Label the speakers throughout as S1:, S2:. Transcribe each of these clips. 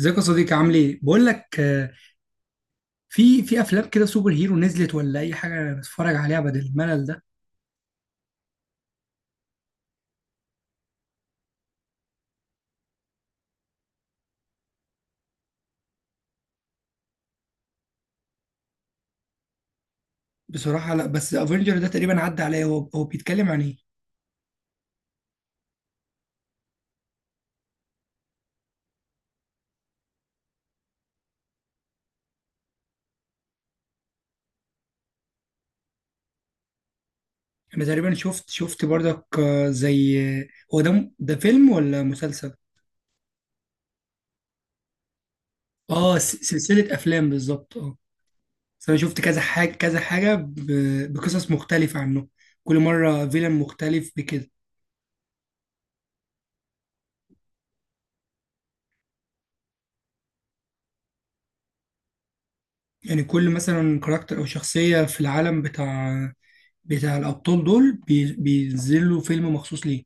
S1: ازيك يا صديقي، عامل ايه؟ بقول لك، في افلام كده سوبر هيرو نزلت ولا اي حاجه نتفرج عليها بدل الملل ده؟ بصراحه لا، بس افنجر ده تقريبا عدى عليا. هو بيتكلم عن ايه؟ انا تقريبا شفت برضك، زي، هو ده ده فيلم ولا مسلسل؟ اه، سلسله افلام بالظبط، اه. بس انا شفت كذا حاجه كذا حاجه بقصص مختلفه عنه. كل مره فيلم مختلف بكده. يعني كل مثلا كاركتر او شخصيه في العالم بتاع الابطال دول بينزلوا فيلم مخصوص ليه.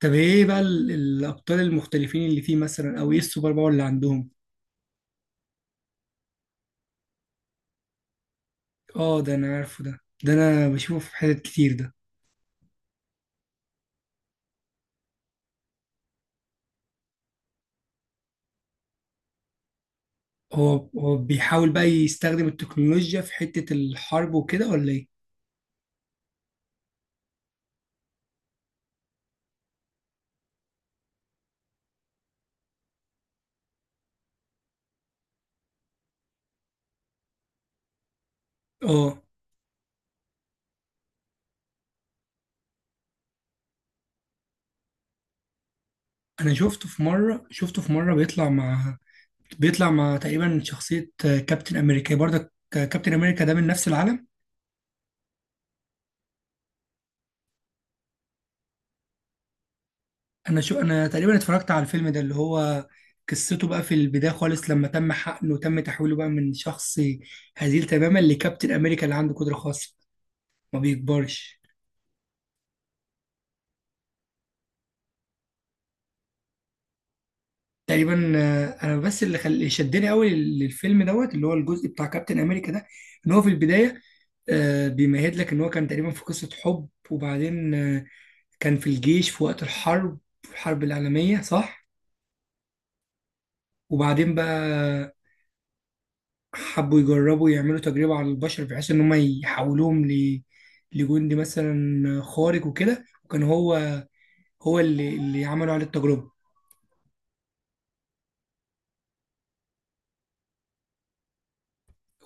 S1: طب ايه بقى الابطال المختلفين اللي فيه مثلا، او ايه السوبر باور اللي عندهم؟ اه، ده انا عارفه، ده انا بشوفه في حتت كتير ده. هو بيحاول بقى يستخدم التكنولوجيا في حته الحرب وكده، ولا ايه؟ اه، انا شفته في مره بيطلع مع تقريبا شخصيه، كابتن امريكا برضه، كابتن امريكا ده من نفس العالم. انا تقريبا اتفرجت على الفيلم ده اللي هو قصته بقى في البدايه خالص، لما تم حقنه وتم تحويله بقى من شخص هزيل تماما لكابتن امريكا اللي عنده قدره خاصه، ما بيكبرش. تقريبا، انا بس اللي شدني قوي للفيلم دوت، اللي هو الجزء بتاع كابتن امريكا ده، ان هو في البدايه، بيمهد لك ان هو كان تقريبا في قصه حب، وبعدين، كان في الجيش في وقت الحرب العالميه، صح؟ وبعدين بقى، حبوا يجربوا يعملوا تجربة على البشر، بحيث إن هم يحولوهم لجندي مثلا خارق وكده، وكان هو اللي عملوا عليه التجربة.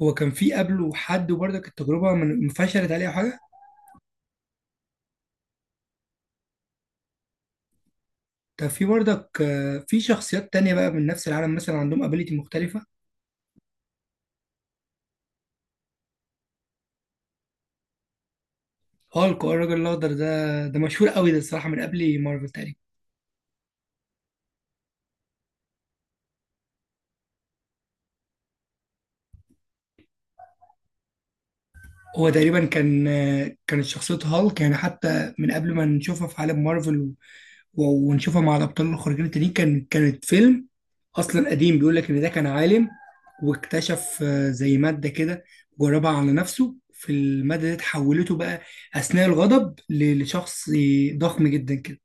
S1: هو كان في قبله حد، وبرضك التجربة فشلت عليه أو حاجة. كان في برضك، في شخصيات تانية بقى من نفس العالم، مثلا عندهم ابيليتي مختلفة. هالك، الراجل الأخضر ده، ده مشهور قوي، ده الصراحة من قبل مارفل تقريبا. هو تقريبا كانت شخصية هالك، يعني حتى من قبل ما نشوفها في عالم مارفل، و- ونشوفها مع الابطال الخارقين التانيين، كانت فيلم اصلا قديم، بيقول لك ان ده كان عالم، واكتشف، زي ماده كده، جربها على نفسه، في الماده دي تحولته بقى اثناء الغضب لشخص ضخم جدا كده.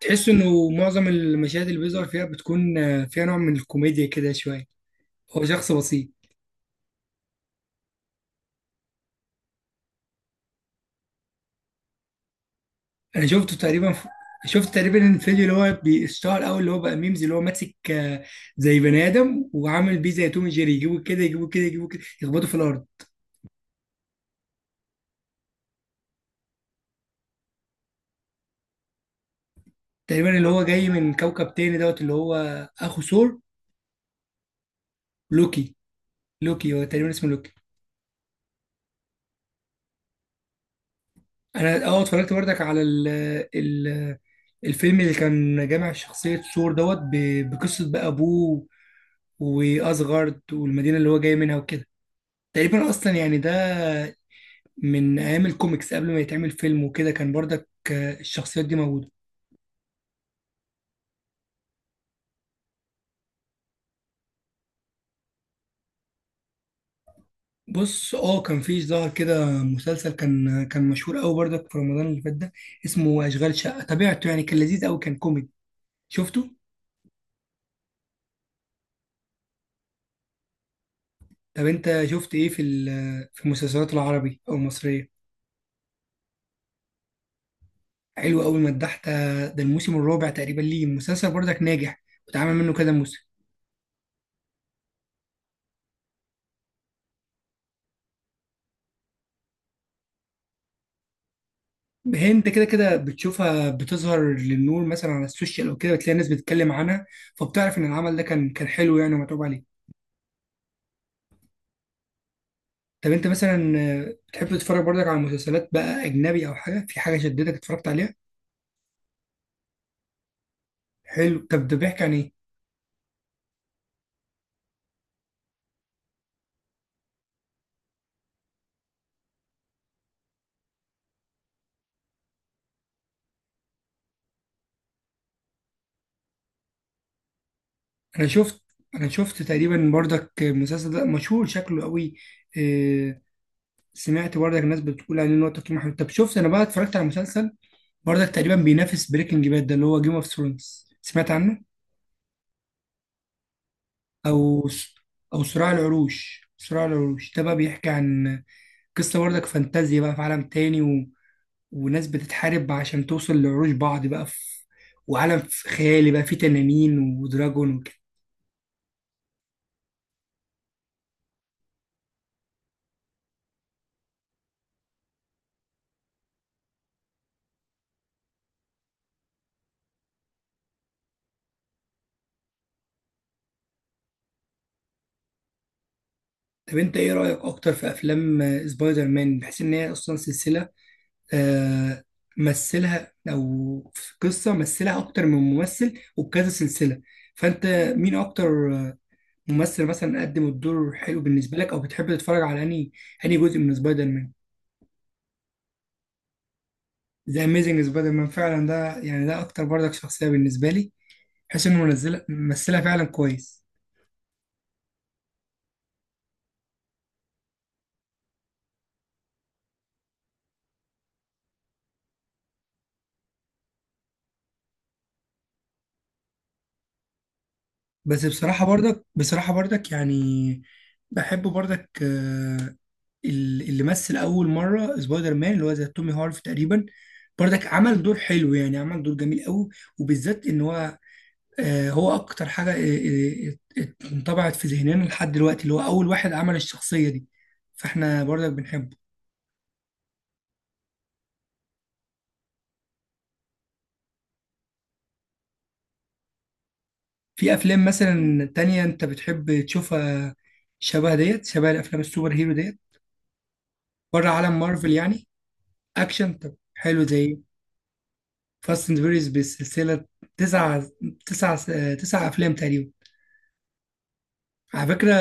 S1: تحس انه معظم المشاهد اللي بيظهر فيها بتكون، فيها نوع من الكوميديا كده شويه. هو شخص بسيط. انا شفت تقريبا الفيديو اللي هو بيشتهر قوي، اللي هو بقى ميمز، اللي هو ماسك، زي بني ادم، وعامل بيه زي توم جيري، يجيبوا كده يجيبوا كده يجيبوا كده، يخبطوا في الارض. تقريبا اللي هو جاي من كوكب تاني دوت، اللي هو اخو ثور، لوكي. لوكي هو تقريبا اسمه لوكي. انا، اه، اتفرجت برضك على ال ال الفيلم اللي كان جامع شخصية ثور دوت، بقصة بقى ابوه واسغارد والمدينة اللي هو جاي منها وكده. تقريبا اصلا، يعني ده من ايام الكوميكس قبل ما يتعمل فيلم وكده، كان برضك، الشخصيات دي موجوده. بص، اه، كان في ظهر كده مسلسل كان مشهور قوي برضك في رمضان اللي فات ده، اسمه اشغال شقه، تابعته، يعني كان لذيذ قوي، كان كوميدي، شفته؟ طب انت شفت ايه في في المسلسلات العربي او المصريه؟ حلو قوي، مدحت، ده الموسم الرابع تقريبا ليه، مسلسل برضك ناجح واتعمل منه كذا موسم. هي انت كده كده بتشوفها بتظهر للنور مثلا على السوشيال او كده، بتلاقي ناس بتتكلم عنها، فبتعرف ان العمل ده كان حلو يعني ومتعوب عليه. طب انت مثلا، بتحب تتفرج برضك على مسلسلات بقى اجنبي، او حاجه، في حاجه شدتك اتفرجت عليها؟ حلو، طب ده بيحكي عن ايه؟ انا شفت انا شفت تقريبا برضك المسلسل ده مشهور شكله قوي، آه، سمعت برضك الناس بتقول عليه ان هو تقييمه حلو. طب شفت، انا بقى اتفرجت على مسلسل برضك تقريبا بينافس بريكنج باد ده، اللي هو جيم اوف ثرونز، سمعت عنه؟ او، او صراع العروش. صراع العروش ده بقى بيحكي عن قصه برضك فانتازيا بقى في عالم تاني، وناس بتتحارب عشان توصل لعروش بعض بقى، في وعالم في خيالي بقى فيه تنانين ودراجون وكده. طب انت ايه رأيك اكتر في افلام، سبايدر مان، بحيث ان هي اصلا سلسلة آه مثلها، او في قصة مثلها اكتر من ممثل وبكذا سلسلة، فانت مين اكتر، ممثل مثلا قدم الدور حلو بالنسبة لك، او بتحب تتفرج على انهي جزء من سبايدر مان؟ ذا اميزنج سبايدر مان، فعلا ده يعني ده اكتر برضك شخصية بالنسبة لي، بحيث انه منزلها ممثلها فعلا كويس. بس بصراحة برضك يعني، بحب برضك، اللي مثل أول مرة سبايدر مان اللي هو زي تومي هارف تقريبا برضك عمل دور حلو، يعني عمل دور جميل قوي، وبالذات إن هو أكتر حاجة، انطبعت في ذهننا لحد دلوقتي اللي هو أول واحد عمل الشخصية دي، فإحنا برضك بنحبه. في أفلام مثلا تانية أنت بتحب تشوفها، شبه الأفلام السوبر هيرو ديت؟ بره عالم مارفل يعني. أكشن، طب حلو، زي إيه؟ فاست اند فيوريوس، بالسلسله، تسع تسع تسع افلام تقريبا على فكره،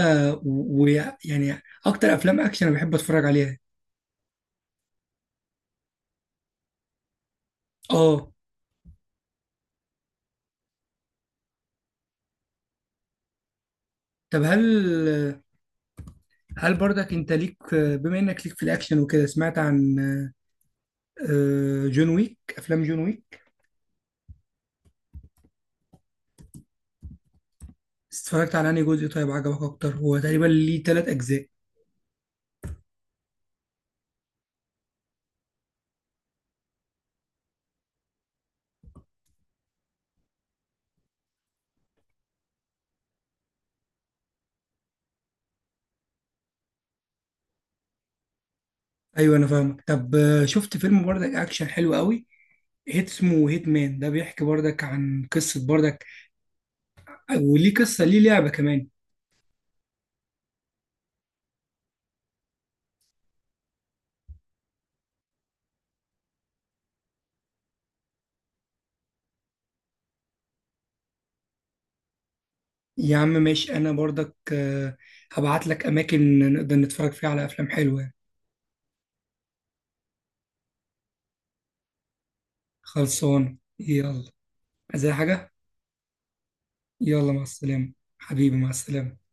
S1: ويعني اكتر افلام اكشن انا بحب اتفرج عليها، اه. طب هل برضك انت ليك، بما انك ليك في الاكشن وكده، سمعت عن، جون ويك، افلام جون ويك؟ اتفرجت على انهي جزء، طيب عجبك اكتر؟ هو تقريبا ليه 3 اجزاء. ايوه، انا فاهمك. طب، شفت فيلم برضك اكشن حلو قوي، اسمه هيت مان، ده بيحكي برضك عن قصه برضك، وليه قصه، ليه لعبه كمان. يا عم ماشي، انا برضك، هبعت لك اماكن نقدر نتفرج فيها على افلام حلوه يعني. خلصان يلا. عايز أي حاجه؟ يلا مع السلامه. حبيبي مع السلامه.